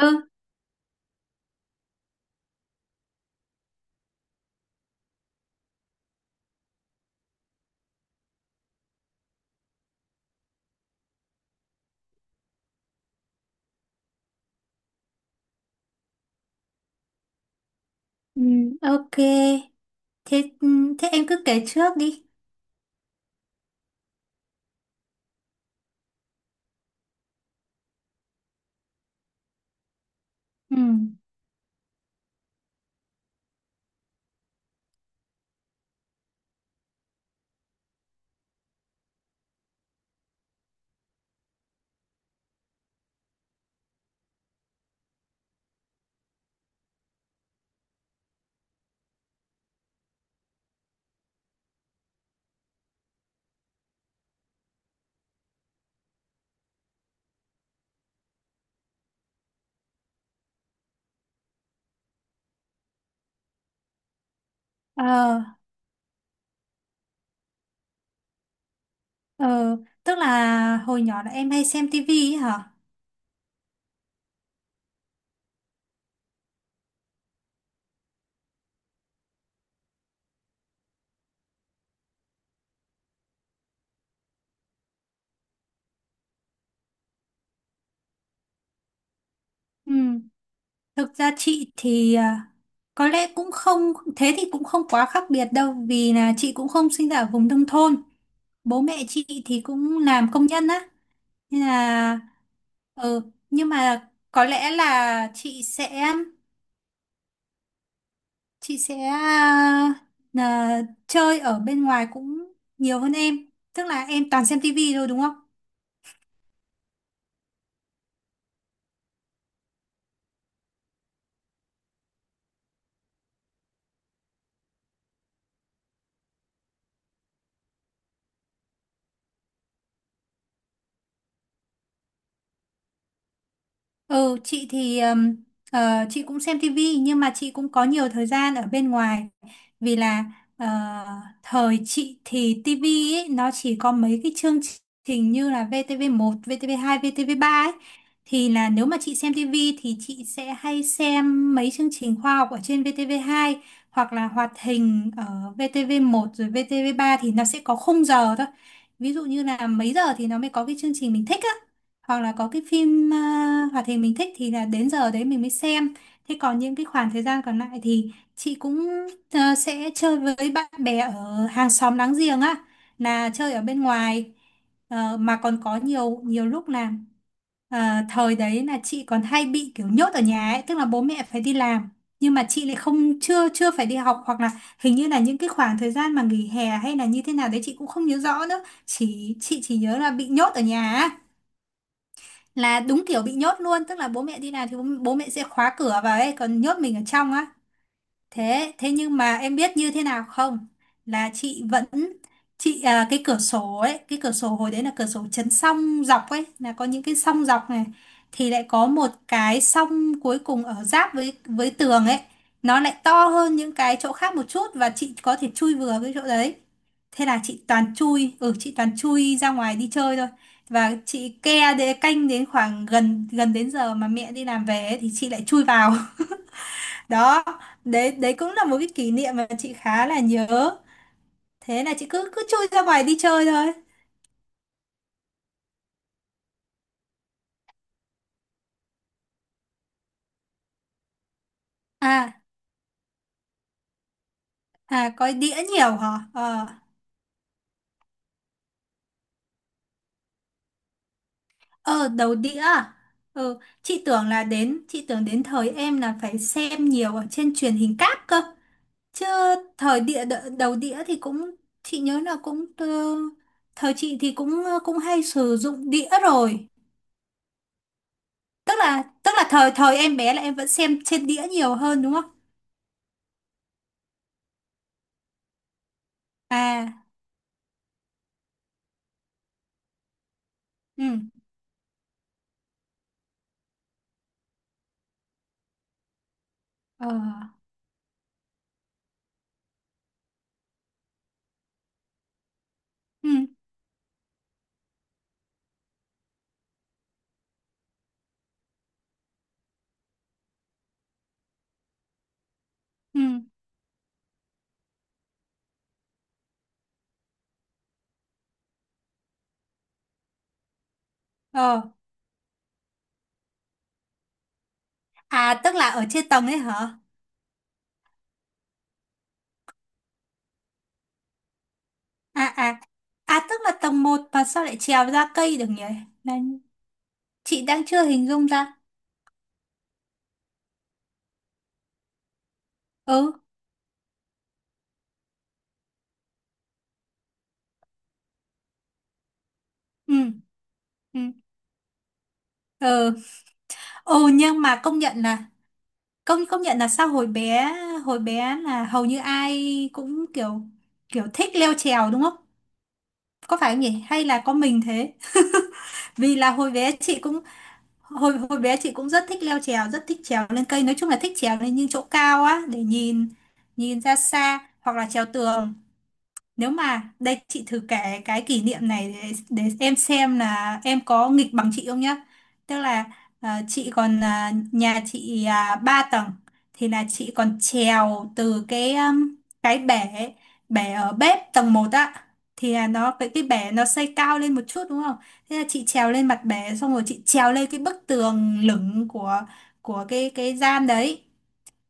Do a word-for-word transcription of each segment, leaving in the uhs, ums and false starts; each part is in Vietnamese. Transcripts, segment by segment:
Ừ, ừ, ok. Thế thế em cứ kể trước đi. Ừ. Ờ, ờ, tức là hồi nhỏ là em hay xem tivi ấy hả? Ừ. Thực ra chị thì à, có lẽ cũng không thế thì cũng không quá khác biệt đâu vì là chị cũng không sinh ra ở vùng nông thôn. Bố mẹ chị thì cũng làm công nhân á. Nên là ừ, nhưng mà có lẽ là chị sẽ chị sẽ à, là chơi ở bên ngoài cũng nhiều hơn em. Tức là em toàn xem tivi thôi đúng không? Ừ, chị thì ừm, ờ, chị cũng xem tivi nhưng mà chị cũng có nhiều thời gian ở bên ngoài vì là ờ, thời chị thì tivi ấy nó chỉ có mấy cái chương trình như là vê tê vê một, vê tê vê hai, vê tê vê ba ấy. Thì là nếu mà chị xem tivi thì chị sẽ hay xem mấy chương trình khoa học ở trên vê tê vê hai, hoặc là hoạt hình ở vê tê vê một. Rồi vê tê vê ba thì nó sẽ có khung giờ thôi. Ví dụ như là mấy giờ thì nó mới có cái chương trình mình thích á, hoặc là có cái phim à, hoạt hình mình thích thì là đến giờ đấy mình mới xem. Thế còn những cái khoảng thời gian còn lại thì chị cũng ờ, sẽ chơi với bạn bè ở hàng xóm láng giềng á, là chơi ở bên ngoài. Ờ, mà còn có nhiều nhiều lúc là ờ, thời đấy là chị còn hay bị kiểu nhốt ở nhà ấy, tức là bố mẹ phải đi làm nhưng mà chị lại không chưa chưa phải đi học, hoặc là hình như là những cái khoảng thời gian mà nghỉ hè hay là như thế nào đấy chị cũng không nhớ rõ nữa, chỉ chị chỉ nhớ là bị nhốt ở nhà á. Là đúng kiểu bị nhốt luôn, tức là bố mẹ đi làm thì bố, bố mẹ sẽ khóa cửa vào ấy, còn nhốt mình ở trong á. Thế thế nhưng mà em biết như thế nào không? Là chị vẫn chị à, cái cửa sổ ấy, cái cửa sổ hồi đấy là cửa sổ chấn song dọc ấy, là có những cái song dọc này, thì lại có một cái song cuối cùng ở giáp với với tường ấy, nó lại to hơn những cái chỗ khác một chút và chị có thể chui vừa cái chỗ đấy. Thế là chị toàn chui, ừ, chị toàn chui ra ngoài đi chơi thôi. Và chị ke để canh đến khoảng gần gần đến giờ mà mẹ đi làm về ấy, thì chị lại chui vào. Đó, đấy đấy cũng là một cái kỷ niệm mà chị khá là nhớ. Thế là chị cứ cứ chui ra ngoài đi chơi thôi. À, à, coi đĩa nhiều hả? Ờ. Ờ, đầu đĩa à? Ừ, chị tưởng là đến chị tưởng đến thời em là phải xem nhiều ở trên truyền hình cáp cơ chứ. Thời địa đ- đầu đĩa thì cũng chị nhớ là cũng ờ, thời chị thì cũng ờ, cũng hay sử dụng đĩa rồi. Tức là tức là thời thời em bé là em vẫn xem trên đĩa nhiều hơn đúng không? À, ừ, ờ, ừ, ừ, ờ, à, tức là ở trên tầng ấy hả? À, à, à. Tức là tầng một mà sao lại trèo ra cây được nhỉ? Là chị đang chưa hình dung ra. Ừ, ừ, ừ, ừ, ừ, nhưng mà công nhận là công công nhận là sao hồi bé, hồi bé là hầu như ai cũng kiểu kiểu thích leo trèo đúng không? Có phải không nhỉ hay là có mình thế? Vì là hồi bé chị cũng hồi hồi bé chị cũng rất thích leo trèo, rất thích trèo lên cây, nói chung là thích trèo lên những chỗ cao á, để nhìn, nhìn ra xa hoặc là trèo tường. Nếu mà đây chị thử kể cái kỷ niệm này để, để em xem là em có nghịch bằng chị không nhá. Tức là à, chị còn à, nhà chị à, ba tầng thì là chị còn trèo từ cái um, cái bể, bể ở bếp tầng một á, thì là nó cái cái bể nó xây cao lên một chút đúng không? Thế là chị trèo lên mặt bể xong rồi chị trèo lên cái bức tường lửng của của cái cái gian đấy.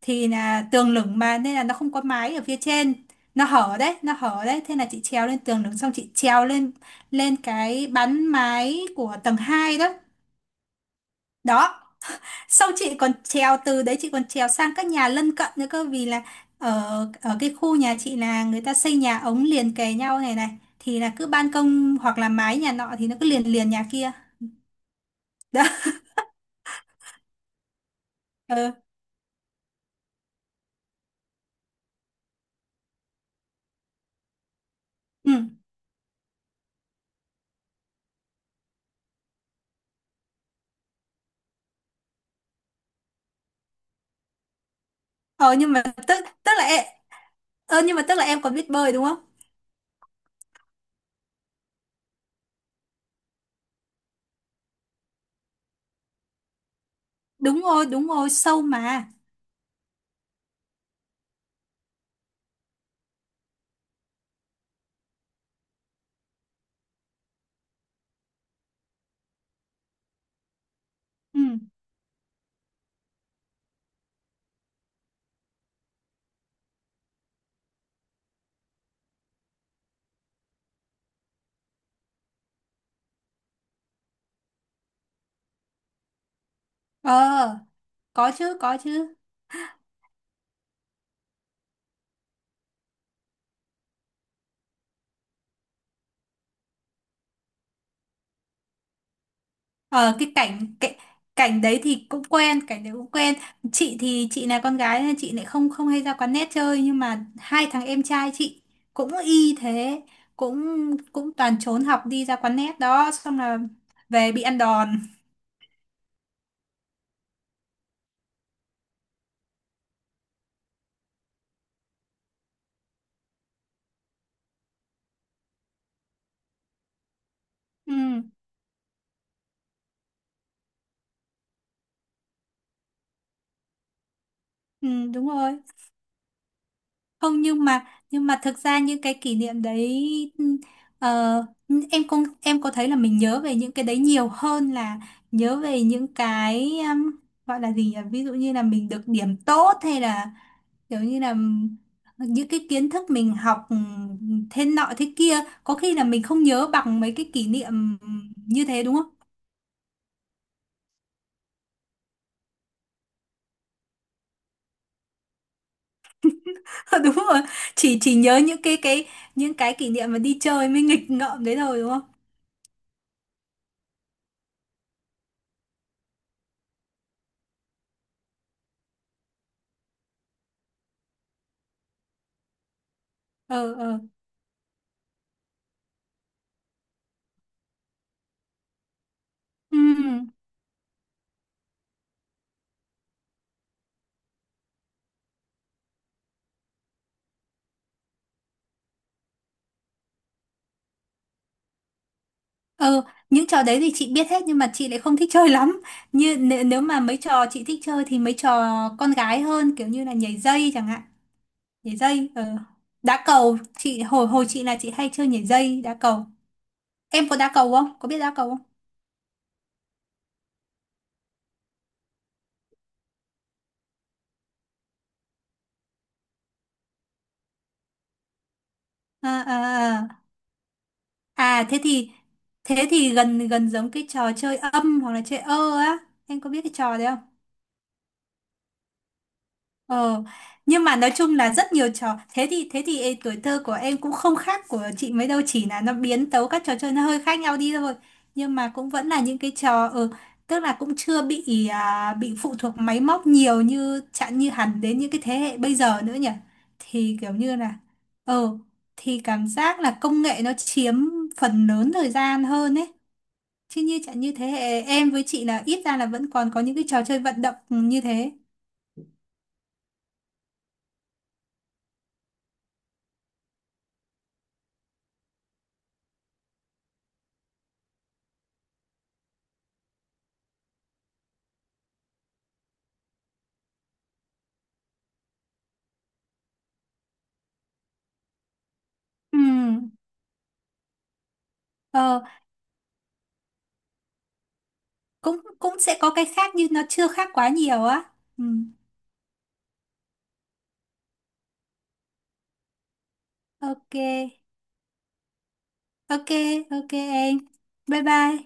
Thì là tường lửng mà nên là nó không có mái ở phía trên, nó hở đấy nó hở đấy. Thế là chị trèo lên tường lửng xong chị trèo lên lên cái bắn mái của tầng hai đó. Đó, sau chị còn trèo từ đấy chị còn trèo sang các nhà lân cận nữa cơ. Vì là ở ở cái khu nhà chị là người ta xây nhà ống liền kề nhau này này, thì là cứ ban công hoặc là mái nhà nọ thì nó cứ liền liền nhà kia. Đó. Ừ, ừ, ờ nhưng mà tức tức là em, ờ nhưng mà tức là em còn biết bơi đúng không? Đúng rồi, đúng rồi, sâu mà. Ừ. Ờ, có chứ, có chứ. Ờ, cái cảnh cái, cảnh đấy thì cũng quen, cảnh đấy cũng quen. Chị thì chị là con gái nên chị lại không không hay ra quán net chơi nhưng mà hai thằng em trai chị cũng y thế, cũng cũng toàn trốn học đi ra quán net đó xong là về bị ăn đòn. Ừ, ừ đúng rồi. Không nhưng mà nhưng mà thực ra những cái kỷ niệm đấy, ờ, em không em có thấy là mình nhớ về những cái đấy nhiều hơn là nhớ về những cái um, gọi là gì nhỉ, ví dụ như là mình được điểm tốt hay là kiểu như là những cái kiến thức mình học ừm, thế nọ thế kia, có khi là mình không nhớ bằng mấy cái kỷ niệm như thế đúng không? Đúng rồi, chỉ chỉ nhớ những cái cái những cái kỷ niệm mà đi chơi mới nghịch ngợm đấy thôi đúng không? Ờ, ờ, ừ. Ừ, những trò đấy thì chị biết hết nhưng mà chị lại không thích chơi lắm. Như nếu, nếu mà mấy trò chị thích chơi thì mấy trò con gái hơn kiểu như là nhảy dây chẳng hạn. Nhảy dây, ờ. Đá cầu, chị hồi hồi chị là chị hay chơi nhảy dây, đá cầu. Em có đá cầu không? Có biết đá cầu không? À, à, à. À, À, thế thì thế thì gần gần giống cái trò chơi âm hoặc là chơi ơ á. Em có biết cái trò đấy không? Ờ, nhưng mà nói chung là rất nhiều trò thế thì thế thì ê, tuổi thơ của em cũng không khác của chị mấy đâu, chỉ là nó biến tấu các trò chơi nó hơi khác nhau đi thôi, nhưng mà cũng vẫn là những cái trò ờ, tức là cũng chưa bị à, bị phụ thuộc máy móc nhiều như chẳng như hẳn đến những cái thế hệ bây giờ nữa nhỉ, thì kiểu như là ờ, thì cảm giác là công nghệ nó chiếm phần lớn thời gian hơn ấy. Chứ như chẳng như thế hệ em với chị là ít ra là vẫn còn có những cái trò chơi vận động như thế. Ừ, cũng cũng sẽ có cái khác nhưng nó chưa khác quá nhiều á. Ừ. Ok, ok, ok em, bye bye.